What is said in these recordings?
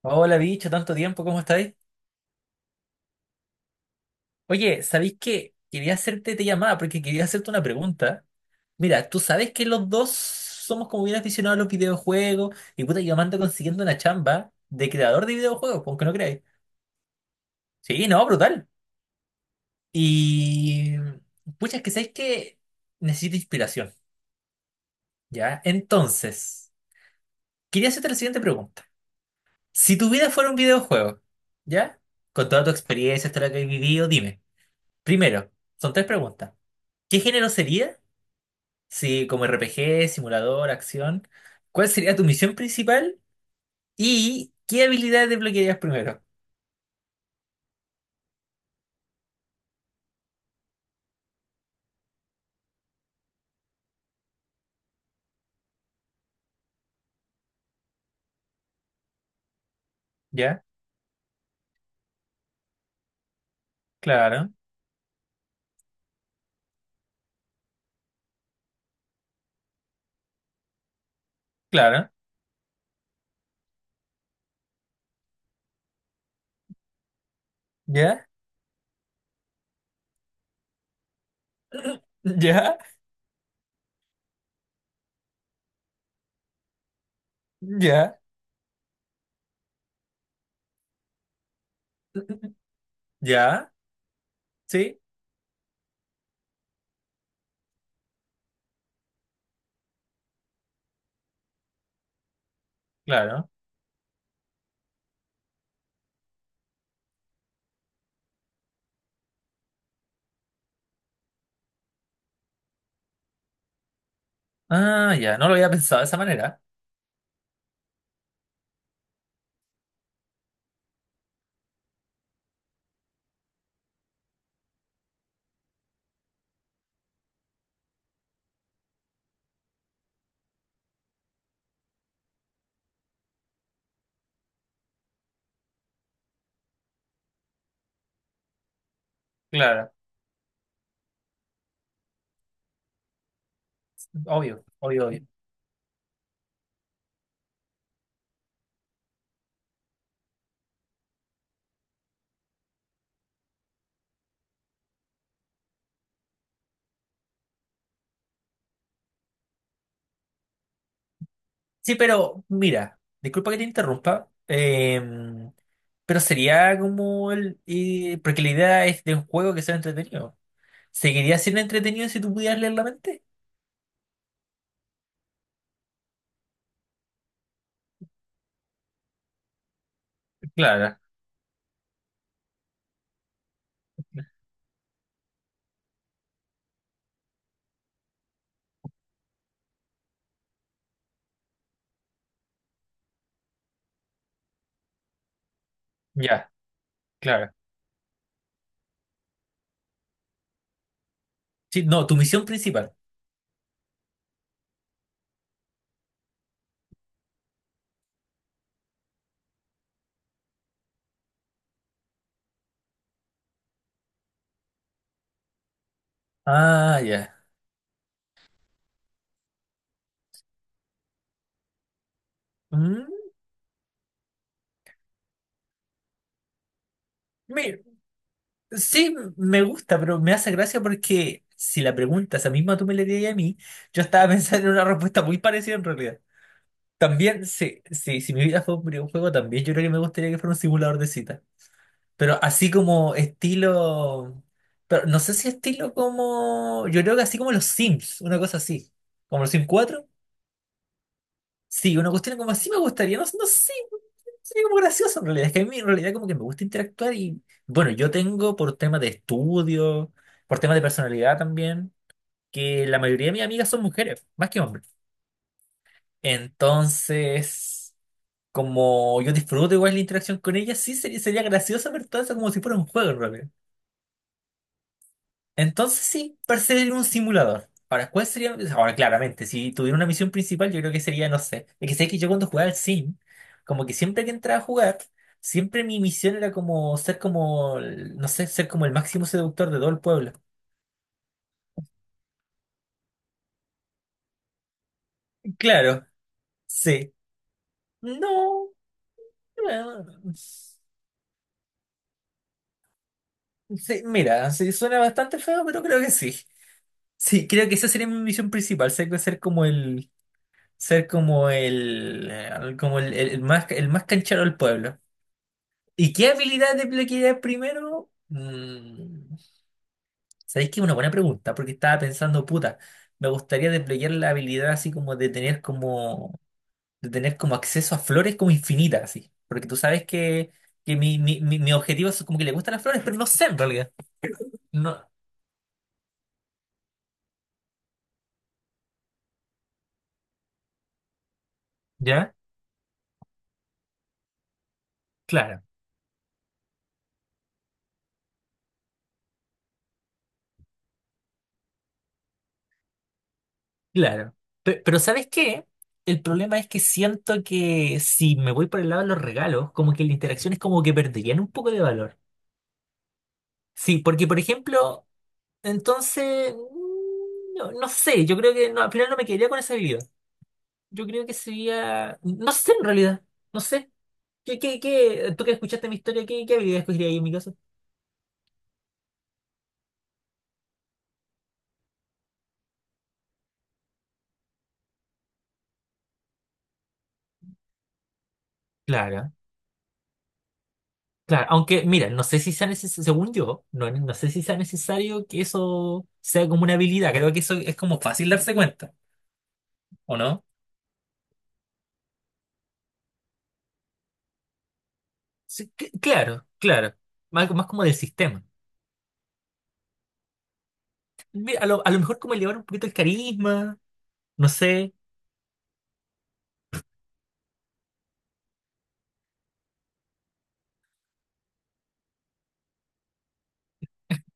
Hola, bicho, tanto tiempo, ¿cómo estáis? Oye, ¿sabéis qué? Quería hacerte te llamada porque quería hacerte una pregunta. Mira, tú sabes que los dos somos como bien aficionados a los videojuegos y puta, yo me ando consiguiendo una chamba de creador de videojuegos, pues, aunque no creáis. Sí, no, brutal. Y pucha, es que sabéis que necesito inspiración, ¿ya? Entonces, quería hacerte la siguiente pregunta. Si tu vida fuera un videojuego, ¿ya? Con toda tu experiencia, hasta la que has vivido, dime. Primero, son tres preguntas. ¿Qué género sería? Sí, como RPG, simulador, acción. ¿Cuál sería tu misión principal? ¿Y qué habilidades desbloquearías primero? Ya, claro, claro, ya, ya, ya, ya, sí, claro. Ah, ya, no lo había pensado de esa manera. Claro, obvio, obvio, obvio. Sí, pero mira, disculpa que te interrumpa, pero sería como el... porque la idea es de un juego que sea entretenido. ¿Seguiría siendo entretenido si tú pudieras leer la mente? Claro, ya, claro. Sí, no, tu misión principal. Ah, ya. Mm, me- sí, me gusta, pero me hace gracia porque si la pregunta esa misma tú me la dirías a mí, yo estaba pensando en una respuesta muy parecida en realidad. También, sí, sí, si mi vida fue un videojuego, también yo creo que me gustaría que fuera un simulador de cita. Pero así como estilo... Pero no sé si estilo como... Yo creo que así como los Sims, una cosa así. Como los Sims 4. Sí, una cuestión como así me gustaría, no, no sé, sería como gracioso en realidad, es que a mí en realidad como que me gusta interactuar y bueno, yo tengo por temas de estudio, por temas de personalidad también, que la mayoría de mis amigas son mujeres, más que hombres. Entonces, como yo disfruto igual la interacción con ellas, sí sería, sería gracioso ver todo eso como si fuera un juego, en realidad. Entonces sí, parecería un simulador. Ahora, ¿cuál sería? Ahora, claramente, si tuviera una misión principal, yo creo que sería, no sé. Es que sé que yo cuando jugaba al Sim, como que siempre que entraba a jugar, siempre mi misión era como ser como, no sé, ser como el máximo seductor de todo el pueblo. Claro, sí. No, bueno, sí, mira, sí, suena bastante feo, pero creo que sí. Sí, creo que esa sería mi misión principal, ser como el, el más canchero del pueblo. ¿Y qué habilidad desbloquearías primero? Mm, ¿sabéis que es una buena pregunta? Porque estaba pensando, puta, me gustaría desbloquear la habilidad así como de tener como, de tener como acceso a flores como infinitas, así. Porque tú sabes que mi objetivo es como que le gustan las flores, pero no sé en realidad. No, ¿ya? Claro, claro. Pero ¿sabes qué? El problema es que siento que si me voy por el lado de los regalos, como que la interacción es como que perderían un poco de valor. Sí, porque por ejemplo... Entonces, mm, no, no sé, yo creo que no, al final no me quedaría con esa bebida. Yo creo que sería, no sé en realidad, no sé. ¿Qué? Tú que escuchaste mi historia, ¿qué bebida escogería yo en mi caso? Claro, claro. Aunque, mira, no sé si sea necesario, según yo, no, no sé si sea necesario que eso sea como una habilidad. Creo que eso es como fácil darse cuenta, ¿o no? Sí, claro, claro. Más, más como del sistema. Mira, a lo mejor como elevar un poquito el carisma, no sé.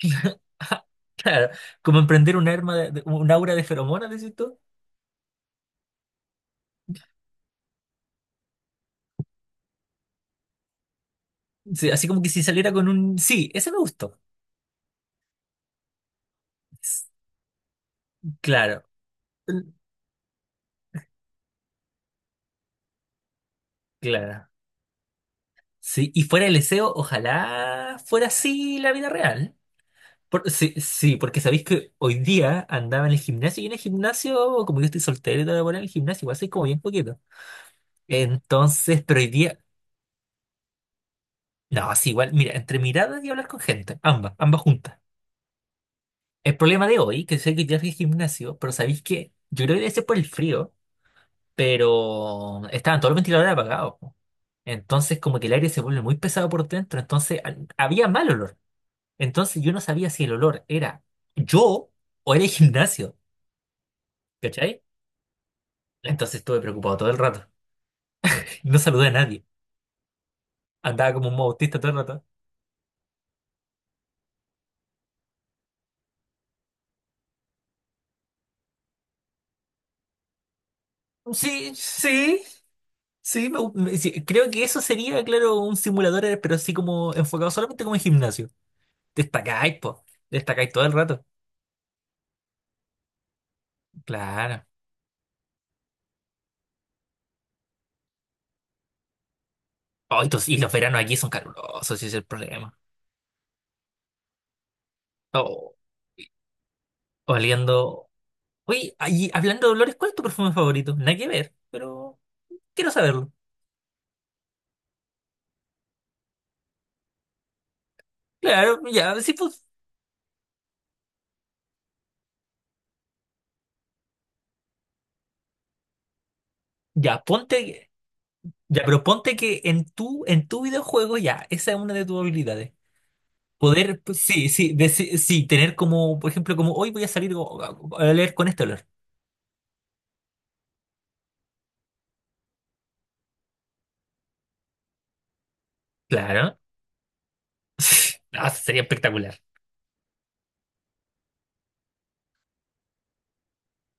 Claro, como emprender un arma un aura de feromonas, decís tú. Sí, así como que si saliera con un. Sí, ese me gustó. Claro, claro. Sí, y fuera el deseo, ojalá fuera así la vida real. Sí, sí, porque sabéis que hoy día andaba en el gimnasio y en el gimnasio, como yo estoy soltero y todo, bueno, en el gimnasio igual soy como bien poquito. Entonces, pero hoy día, no, sí, igual, mira, entre miradas y hablar con gente, ambas, ambas juntas. El problema de hoy, que sé que ya fui al gimnasio, pero ¿sabéis qué? Yo creo que debe ser por el frío, pero estaban todos los ventiladores apagados. Po. Entonces como que el aire se vuelve muy pesado por dentro, había mal olor. Entonces yo no sabía si el olor era yo o era el gimnasio, ¿cachai? Entonces estuve preocupado todo el rato. No saludé a nadie. Andaba como un autista todo el rato. Sí, sí, sí, sí, creo que eso sería, claro, un simulador, pero así como enfocado solamente como en gimnasio. Destacáis, po. Destacáis todo el rato. Claro. Oh, y, y los veranos aquí son calurosos, ese es el problema. Oh, oliendo. Oye, ahí, hablando de olores, ¿cuál es tu perfume favorito? Nada que ver, pero quiero saberlo. Claro, ya, sí, pues. Ya, ponte. Que- Ya, pero ponte que en tu videojuego, ya, esa es una de tus habilidades. Poder, pues, sí, sí, sí, sí, tener como, por ejemplo, como hoy voy a salir a oler con este olor. Claro. Ah, sería espectacular.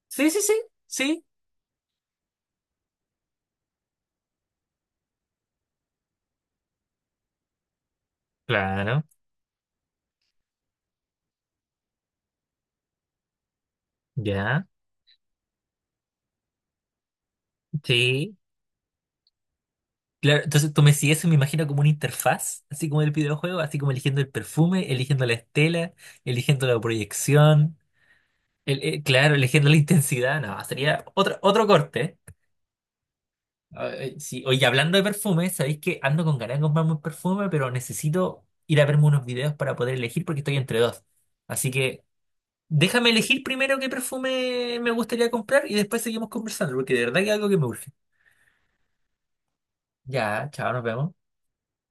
Sí, sí, sí, sí, claro. Ya, sí. Claro, entonces tú me sigues y me imagino como una interfaz, así como el videojuego, así como eligiendo el perfume, eligiendo la estela, eligiendo la proyección, claro, eligiendo la intensidad, no, sería otro, otro corte. Ah, sí, oye, hablando de perfume, sabéis que ando con ganas de comprarme un perfume, pero necesito ir a verme unos videos para poder elegir porque estoy entre dos. Así que déjame elegir primero qué perfume me gustaría comprar y después seguimos conversando, porque de verdad que es algo que me urge. Ya, chao, nos vemos.